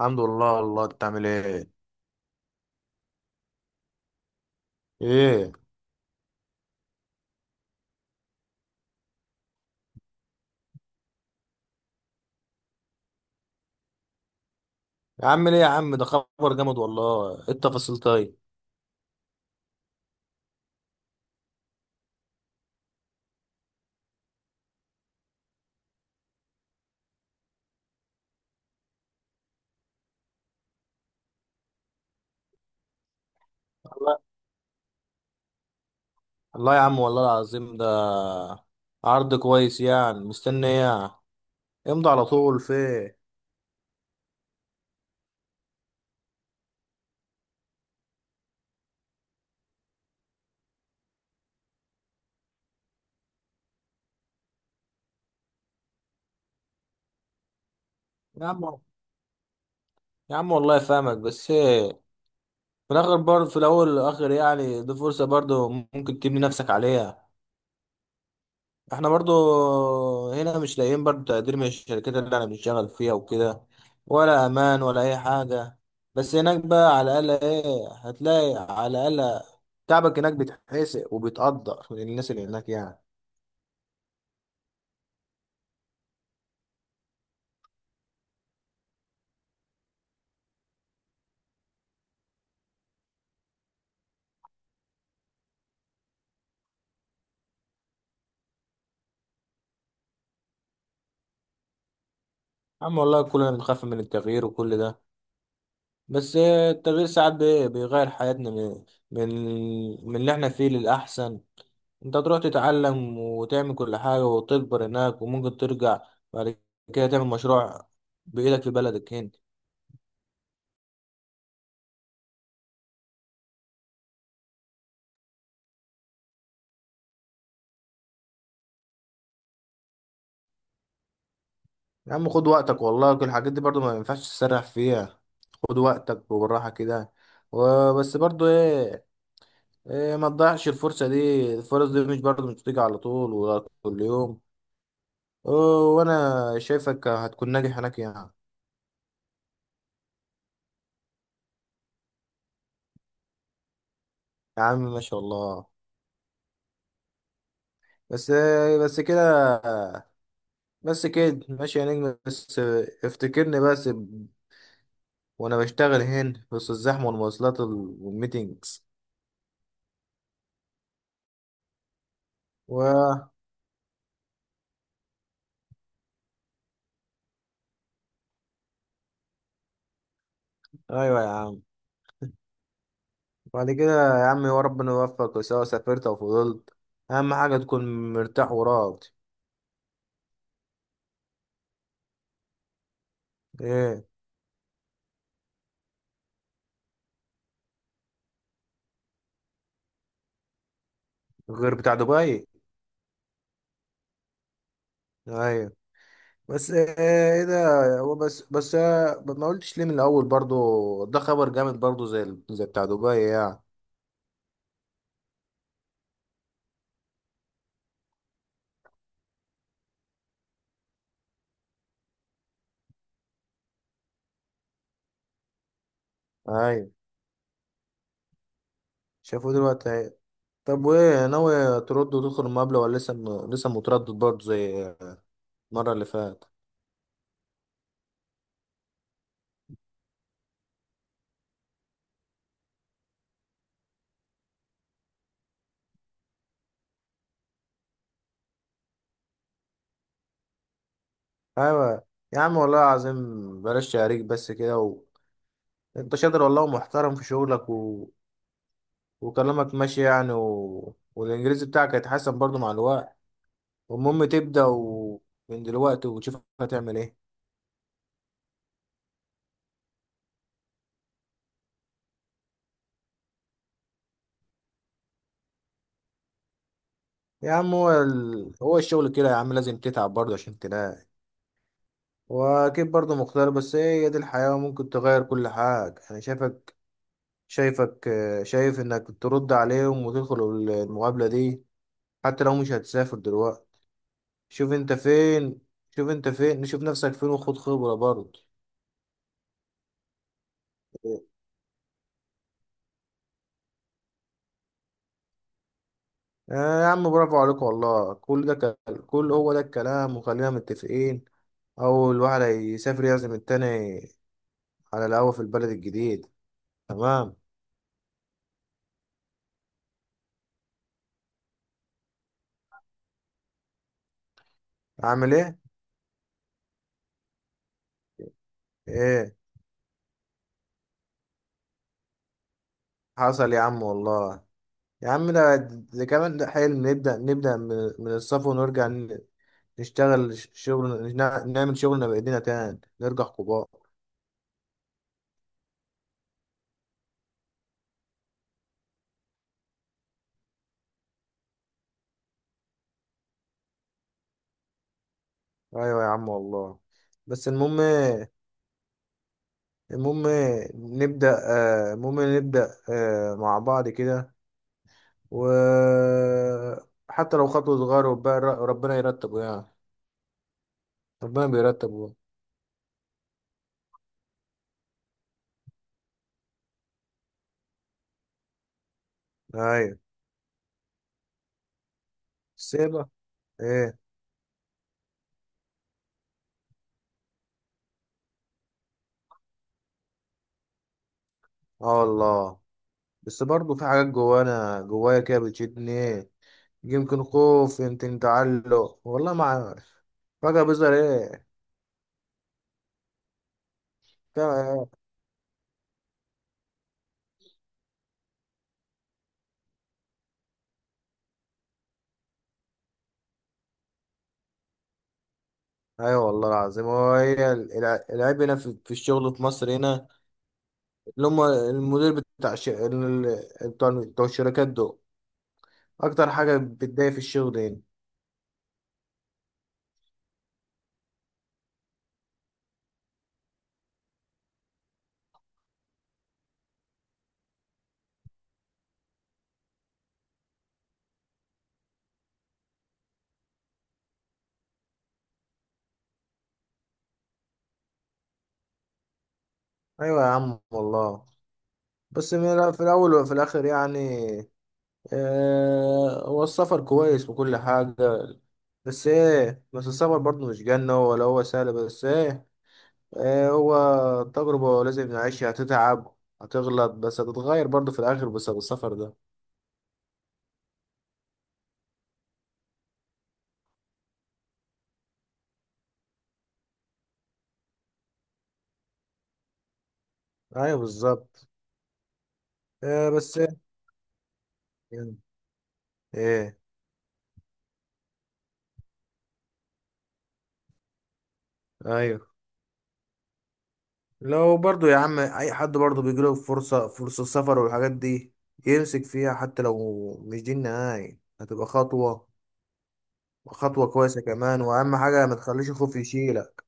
الحمد لله. الله انت عامل ايه؟ ايه. يا عم، ليه يا عم؟ ده خبر جامد والله. ايه التفاصيل طيب؟ الله الله، يا عم والله العظيم، ده عرض كويس، يعني مستني ايه يعني؟ امضي على طول في ايه. يا عم، يا عم والله فاهمك، بس ايه، في الاخر برضه، في الاول والاخر يعني دي فرصة برضه ممكن تبني نفسك عليها. احنا برضو هنا مش لاقيين برضو تقدير من الشركات اللي انا بنشتغل فيها وكده، ولا امان ولا اي حاجة. بس هناك بقى على الاقل ايه، هتلاقي على الاقل تعبك هناك بيتحسق وبيتقدر من الناس اللي هناك يعني. عم والله كلنا بنخاف من التغيير وكل ده. بس ايه، التغيير ساعات بيغير حياتنا من من اللي احنا فيه للأحسن. انت تروح تتعلم وتعمل كل حاجة وتكبر هناك، وممكن ترجع بعد كده تعمل مشروع بإيدك في بلدك هنا. يا عم خد وقتك والله، كل الحاجات دي برضو ما ينفعش تسرح فيها. خد وقتك وبالراحة كده. وبس برضو ايه، إيه، ما تضيعش الفرصة دي، الفرص دي مش برضو مش بتيجي على طول ولا كل يوم. و- وانا شايفك هتكون ناجح هناك يعني. يا عم ما شاء الله. بس إيه؟ بس كده، بس كده ماشي يا نجم. بس افتكرني بس وانا بشتغل هنا وسط الزحمة والمواصلات والميتينجز و... ايوه يا عم. بعد كده يا عم، يا ربنا يوفقك سواء سافرت او فضلت. اهم حاجه تكون مرتاح وراضي. ايه؟ غير بتاع دبي؟ ايوه. بس ايه، إيه ده؟ هو بس ما قلتش ليه من الاول؟ برضو ده خبر جامد برضو، زي زي بتاع دبي يعني. ايوه. شافوه دلوقتي اهي. طب وايه، ناوي ترد وتدخل المقابله ولا لسه لسه متردد برضو زي المره اللي فاتت؟ ايوه يا عم والله العظيم. بلاش تعريج بس كده انت شاطر والله ومحترم في شغلك وكلامك ماشي يعني والإنجليزي بتاعك هيتحسن برضو مع الوقت. والمهم تبدأ من دلوقتي وتشوف هتعمل إيه. يا عم هو هو الشغل كده يا عم، لازم تتعب برضو عشان تلاقي. وأكيد برضو مختار، بس هي دي الحياة وممكن تغير كل حاجة. أنا شايفك شايف إنك ترد عليهم وتدخل المقابلة دي حتى لو مش هتسافر دلوقتي. شوف أنت فين شوف أنت فين، شوف نفسك فين وخد خبرة برضو. آه يا عم، برافو عليك والله كل ده. كل هو ده الكلام، وخلينا متفقين: اول واحد هيسافر يعزم التاني على القهوة في البلد الجديد. تمام؟ اعمل ايه؟ ايه؟ حصل يا عم والله. يا عم ده كمان ده حلم، نبدأ من الصفر ونرجع نشتغل شغل نعمل شغلنا بإيدينا تاني، نرجع كبار. ايوه يا عم والله. بس المهم إيه؟ المهم إيه؟ نبدأ، المهم نبدأ مع بعض كده، وحتى لو خطوة صغيرة، وبقى ربنا يرتبه يعني. ربنا بيرتبه. ايوه. سيبه. ايه؟ اه والله. بس برضه في حاجات جوانا، جوايا كده بتشدني، ايه، يمكن خوف، يمكن تعلق، والله ما عارف. فجأة بيظهر ايه. فجأة إيه؟ ايوه والله العظيم هو العيب هنا في الشغل في مصر هنا، اللي هم المدير بتاع بتوع الشركات دول اكتر حاجة بتضايق في الشغل هنا. ايوه يا عم والله. بس في الأول وفي الآخر يعني، هو السفر كويس وكل حاجة، بس إيه. بس السفر برضه مش جنة ولا هو سهل، بس إيه. هو تجربة لازم نعيشها، هتتعب، هتغلط، بس هتتغير برضه في الآخر بس بالسفر ده. أيوه بالظبط. بس إيه؟ إيه؟ أيوه. لو برضه يا عم أي حد برضه بيجيله فرصة، فرصة السفر والحاجات دي، يمسك فيها حتى لو مش دي النهاية. هتبقى خطوة، خطوة كويسة كمان. وأهم حاجة ما تخليش الخوف يشيلك.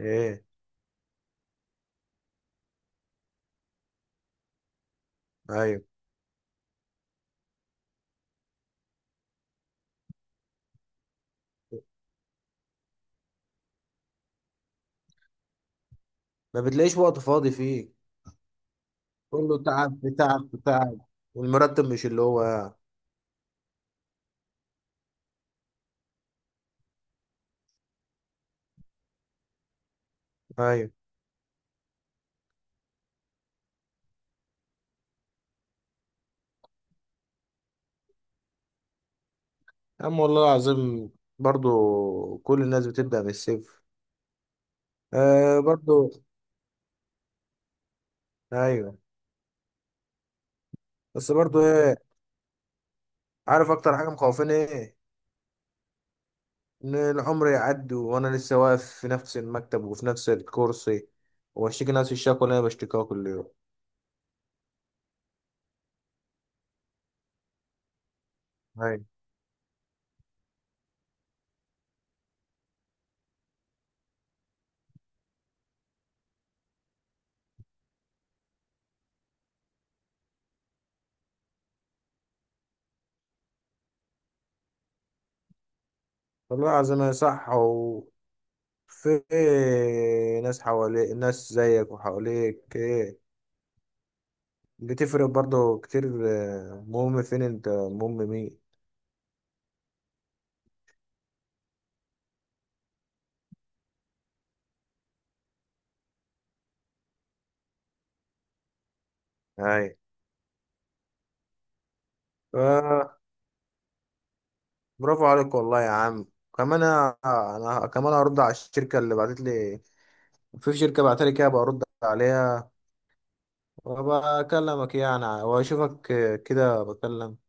إيه. أيوة. ما بتلاقيش وقت فاضي فيه. كله تعب في تعب في تعب. والمرتب مش اللي هو يعني. أيوة. يا عم والله العظيم، برضو كل الناس بتبدأ من الصفر آه برضو. أيوة. بس برضو إيه؟ عارف أكتر حاجة مخوفاني إيه؟ إن العمر يعدي وأنا لسه واقف في نفس المكتب وفي نفس الكرسي، وأشتكي نفس الشكوى اللي أنا بشتكيها كل يوم. أيوة والله العظيم هي صح في ناس حواليك، ناس زيك وحواليك ايه، بتفرق برضه كتير. مهم فين انت، مهم مين. اي. آه. برافو عليك والله يا عم. كمان أنا كمان هرد على الشركه اللي بعتت لي. في شركه بعتت لي كده، برد عليها وبكلمك يعني واشوفك كده، بكلم